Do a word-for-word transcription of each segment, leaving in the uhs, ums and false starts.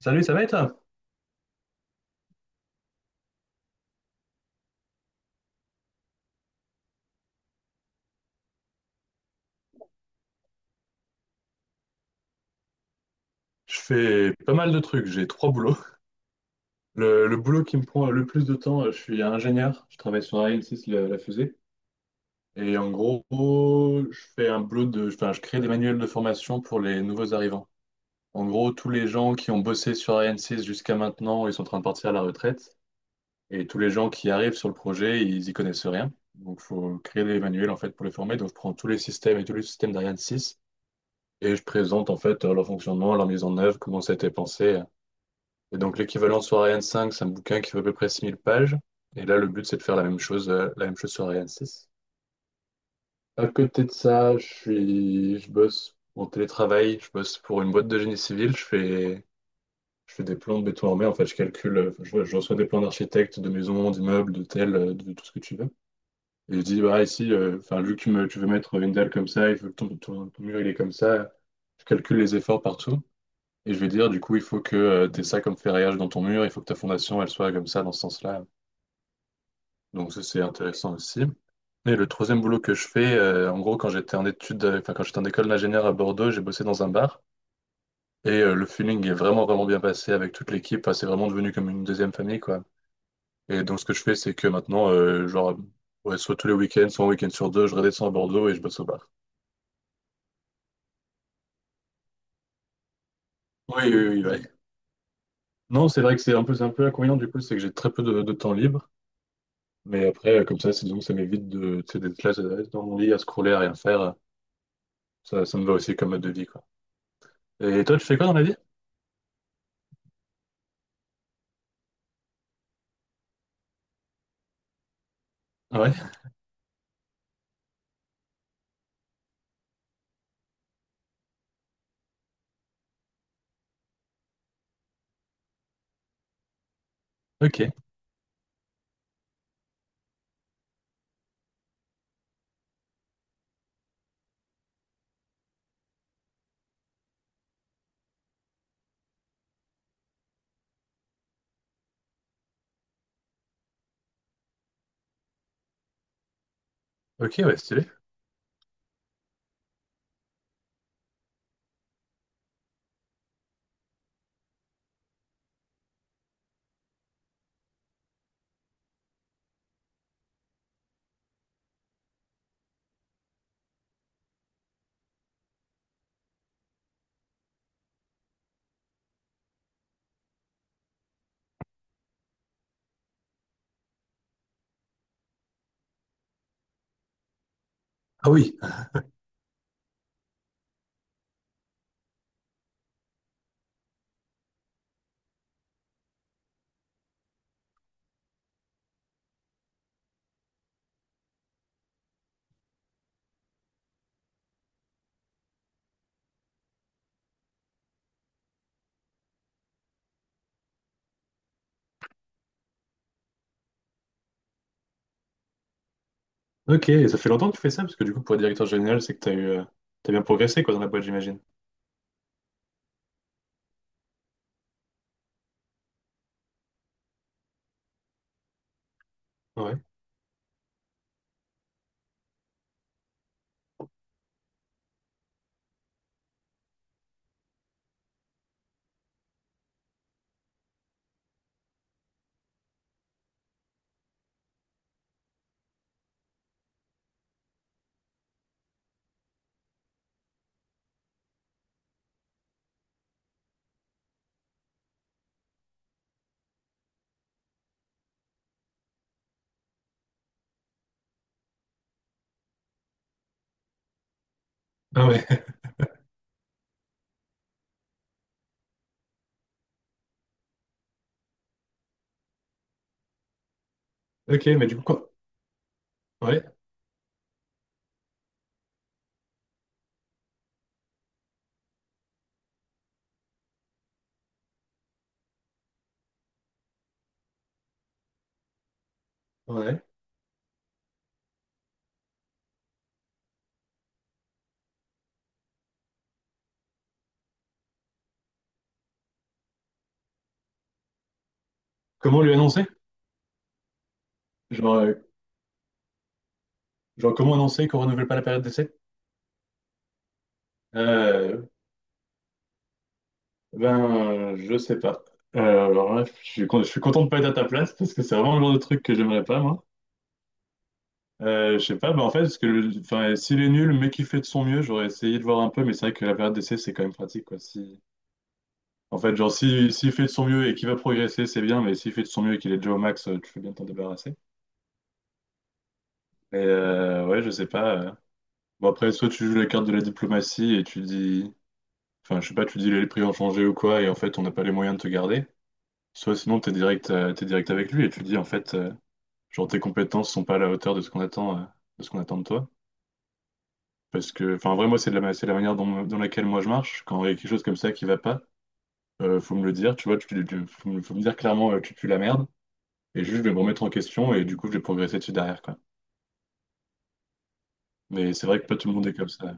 Salut, ça va et toi? Je fais pas mal de trucs, j'ai trois boulots. Le, le boulot qui me prend le plus de temps, je suis ingénieur, je travaille sur Ariane six, la, la fusée. Et en gros, je fais un boulot de, enfin, je crée des manuels de formation pour les nouveaux arrivants. En gros, tous les gens qui ont bossé sur Ariane six jusqu'à maintenant, ils sont en train de partir à la retraite. Et tous les gens qui arrivent sur le projet, ils y connaissent rien. Donc, il faut créer des manuels en fait pour les former. Donc, je prends tous les systèmes et tous les systèmes d'Ariane six et je présente en fait leur fonctionnement, leur mise en œuvre, comment ça a été pensé. Et donc l'équivalent sur Ariane cinq, c'est un bouquin qui fait à peu près six mille pages. Et là, le but, c'est de faire la même chose, euh, la même chose sur Ariane six. À côté de ça, je suis, je bosse en télétravail, je bosse pour une boîte de génie civil, je fais, je fais des plans de béton armé, en fait, je calcule, euh, je, je reçois des plans d'architectes, de maisons, d'immeubles, d'hôtels, euh, de tout ce que tu veux. Et je dis, bah ici, euh, enfin, vu que tu me- tu veux mettre une dalle comme ça, il faut que ton, ton- ton mur, il est comme ça, je calcule les efforts partout. Et je vais dire, du coup, il faut que tu aies ça comme ferraillage dans ton mur, il faut que ta fondation, elle soit comme ça, dans ce sens-là. Donc ça, c'est intéressant aussi. Et le troisième boulot que je fais, euh, en gros, quand j'étais en études, euh, enfin, quand j'étais en école d'ingénieur à Bordeaux, j'ai bossé dans un bar. Et euh, le feeling est vraiment, vraiment bien passé avec toute l'équipe. Enfin, c'est vraiment devenu comme une deuxième famille, quoi. Et donc, ce que je fais, c'est que maintenant, euh, genre, ouais, soit tous les week-ends, soit un week-end sur deux, je redescends à Bordeaux et je bosse au bar. Oui, oui, oui, ouais. Non, c'est vrai que c'est un peu, c'est un peu inconvénient, du coup, c'est que j'ai très peu de de temps libre. Mais après, euh, comme ça, c'est- disons que ça m'évite de, tu sais, d'être là euh, dans mon lit à scroller, à rien faire. Ça, ça me va aussi comme mode de vie, quoi. Et toi, tu fais quoi dans la vie? Ah ouais? Ok. Ok, ouais, stylé. Ah oui. Ok, et ça fait longtemps que tu fais ça, parce que du coup, pour être directeur général, c'est que t'as eu, euh, t'as bien progressé, quoi, dans la boîte, j'imagine. Ah ouais. Ah ouais. Ok, mais du coup, quoi? Ouais. Ouais. Comment lui annoncer? Genre, euh, genre comment annoncer qu'on renouvelle pas la période d'essai? Euh, ben, euh, je sais pas. Euh, alors là, je suis, con- je suis content de pas être à ta place, parce que c'est vraiment le genre de truc que j'aimerais pas, moi. Euh, je sais pas, bah en fait, parce que le- enfin, s'il est nul, mais qu'il fait de son mieux, j'aurais essayé de voir un peu, mais c'est vrai que la période d'essai, c'est quand même pratique, quoi. Si, en fait, genre, si, s'il fait de son mieux et qu'il va progresser, c'est bien, mais s'il fait de son mieux et qu'il est déjà au max, euh, tu peux bien t'en débarrasser. Et euh, ouais, je sais pas. euh. Bon, après, soit tu joues la carte de la diplomatie et tu dis, enfin, je sais pas, tu dis les prix ont changé ou quoi, et en fait, on n'a pas les moyens de te garder. Soit sinon, t'es direct, euh, t'es direct avec lui et tu dis, en fait, euh, genre, tes compétences sont pas à la hauteur de ce qu'on attend, euh, de ce qu'on attend de toi. Parce que, enfin, vraiment, c'est de la, ma- c'est la manière dont, dans laquelle moi je marche. Quand il y a quelque chose comme ça qui va pas, euh, faut me le dire, tu vois, tu, tu- faut, me faut me dire clairement, euh, tu pues la merde. Et juste, je vais me remettre en question et du coup, je vais progresser dessus derrière, quoi. Mais c'est vrai que pas tout le monde est comme ça.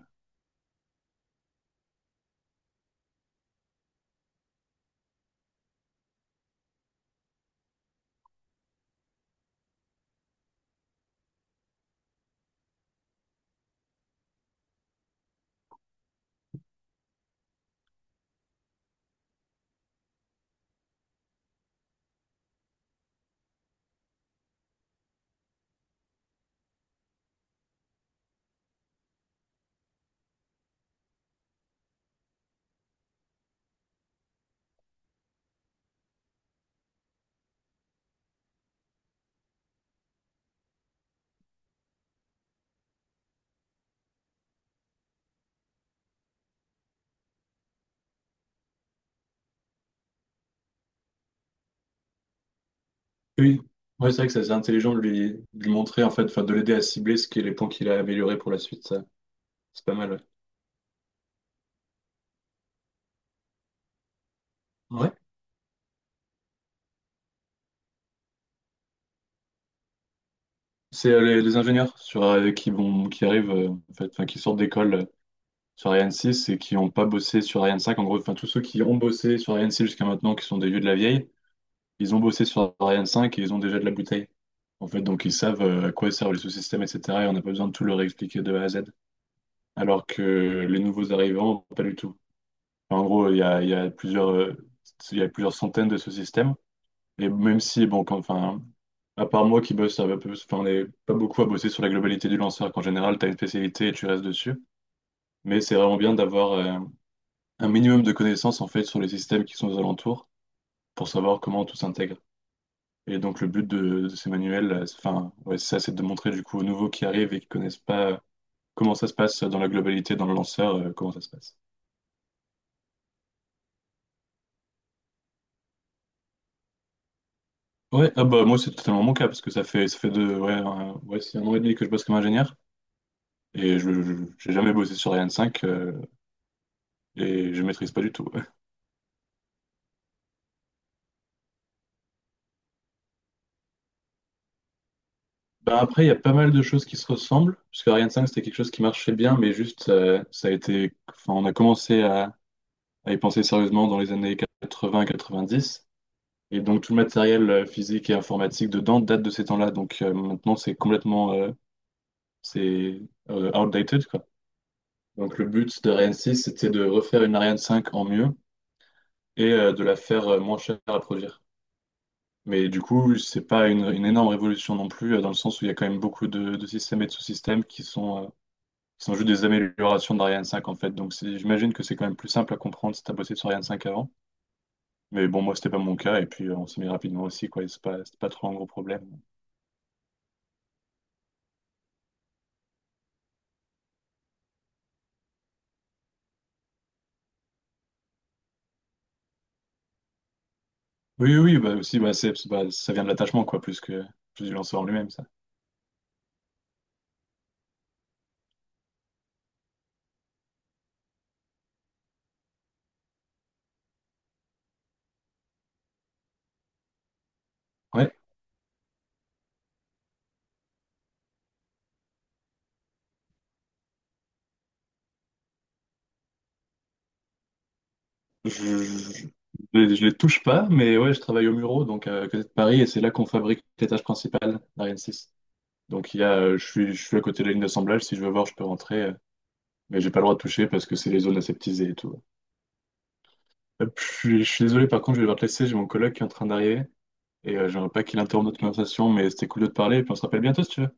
Oui, ouais, c'est vrai que ça, c'est intelligent de lui, de lui montrer, en fait, enfin, de l'aider à cibler ce qui est les points qu'il a améliorés pour la suite, ça. C'est pas mal, ouais. Ouais. C'est euh, les, les ingénieurs sur, euh, qui vont, qui arrivent, euh, en fait, enfin, qui sortent d'école. Euh, sur Ariane six et qui n'ont pas bossé sur Ariane cinq. En gros, enfin, tous ceux qui ont bossé sur Ariane six jusqu'à maintenant, qui sont des vieux de la vieille, ils ont bossé sur Ariane cinq et ils ont déjà de la bouteille. En fait, donc ils savent euh, à quoi servent les sous-systèmes, et cetera. Et on n'a pas besoin de tout leur expliquer de A à Z. Alors que les nouveaux arrivants, pas du tout. Enfin, en gros, il y a, il y a plusieurs, euh, il y a plusieurs centaines de sous-systèmes. Et même si, bon, quand- enfin, à part moi qui bosse, un peu- enfin, on n'est pas beaucoup à bosser sur la globalité du lanceur. Qu'en général, tu as une spécialité et tu restes dessus. Mais c'est vraiment bien d'avoir euh, un minimum de connaissances en fait sur les systèmes qui sont aux alentours pour savoir comment tout s'intègre. Et donc le but de, de ces manuels, euh, c'est- enfin, ouais, c'est ça, c'est de montrer du coup aux nouveaux qui arrivent et qui connaissent pas euh, comment ça se passe dans la globalité, dans le lanceur, euh, comment ça se passe. Ouais, ah bah moi c'est totalement mon cas parce que ça fait ça fait deux, ouais, un, ouais, c'est un an et demi que je bosse comme ingénieur et je je- j'ai jamais bossé sur Ariane cinq euh, et je maîtrise pas du tout. Ben après il y a pas mal de choses qui se ressemblent parce que Ariane cinq c'était quelque chose qui marchait bien mais juste euh, ça a été, enfin on a commencé à, à y penser sérieusement dans les années quatre-vingts quatre-vingt-dix. Et donc tout le matériel euh, physique et informatique dedans date de ces temps-là. Donc euh, maintenant, c'est complètement euh, c'est euh, outdated, quoi. Donc le but de Ariane Six, c'était de refaire une Ariane Cinq en mieux et euh, de la faire euh, moins chère à produire. Mais du coup, c'est pas une, une énorme révolution non plus, euh, dans le sens où il y a quand même beaucoup de, de systèmes et de sous-systèmes qui sont, euh, qui sont juste des améliorations d'Ariane Cinq en fait. Donc c'est- j'imagine que c'est quand même plus simple à comprendre si t'as bossé sur Ariane Cinq avant. Mais bon, moi, c'était pas mon cas, et puis euh, on s'est mis rapidement aussi, quoi, et c'est pas, c'est pas trop un gros problème. Oui, oui, oui, bah aussi, bah, c'est, c'est- bah, ça vient de l'attachement, quoi, plus que plus du lanceur en lui-même, ça. Ouais, je, je, je les je les touche pas, mais ouais, je travaille au Muro, donc euh, à côté de Paris, et c'est là qu'on fabrique les tâches principales d'Ariane six. Donc il y a, euh, je suis, je suis à côté de la ligne d'assemblage, si je veux voir, je peux rentrer, euh, mais j'ai pas le droit de toucher parce que c'est les zones aseptisées et tout. Hop, je suis, je suis désolé, par contre, je vais devoir te laisser, j'ai mon collègue qui est en train d'arriver, et euh, j'aimerais pas qu'il interrompe notre conversation, mais c'était cool de te parler, et puis on se rappelle bientôt si tu veux.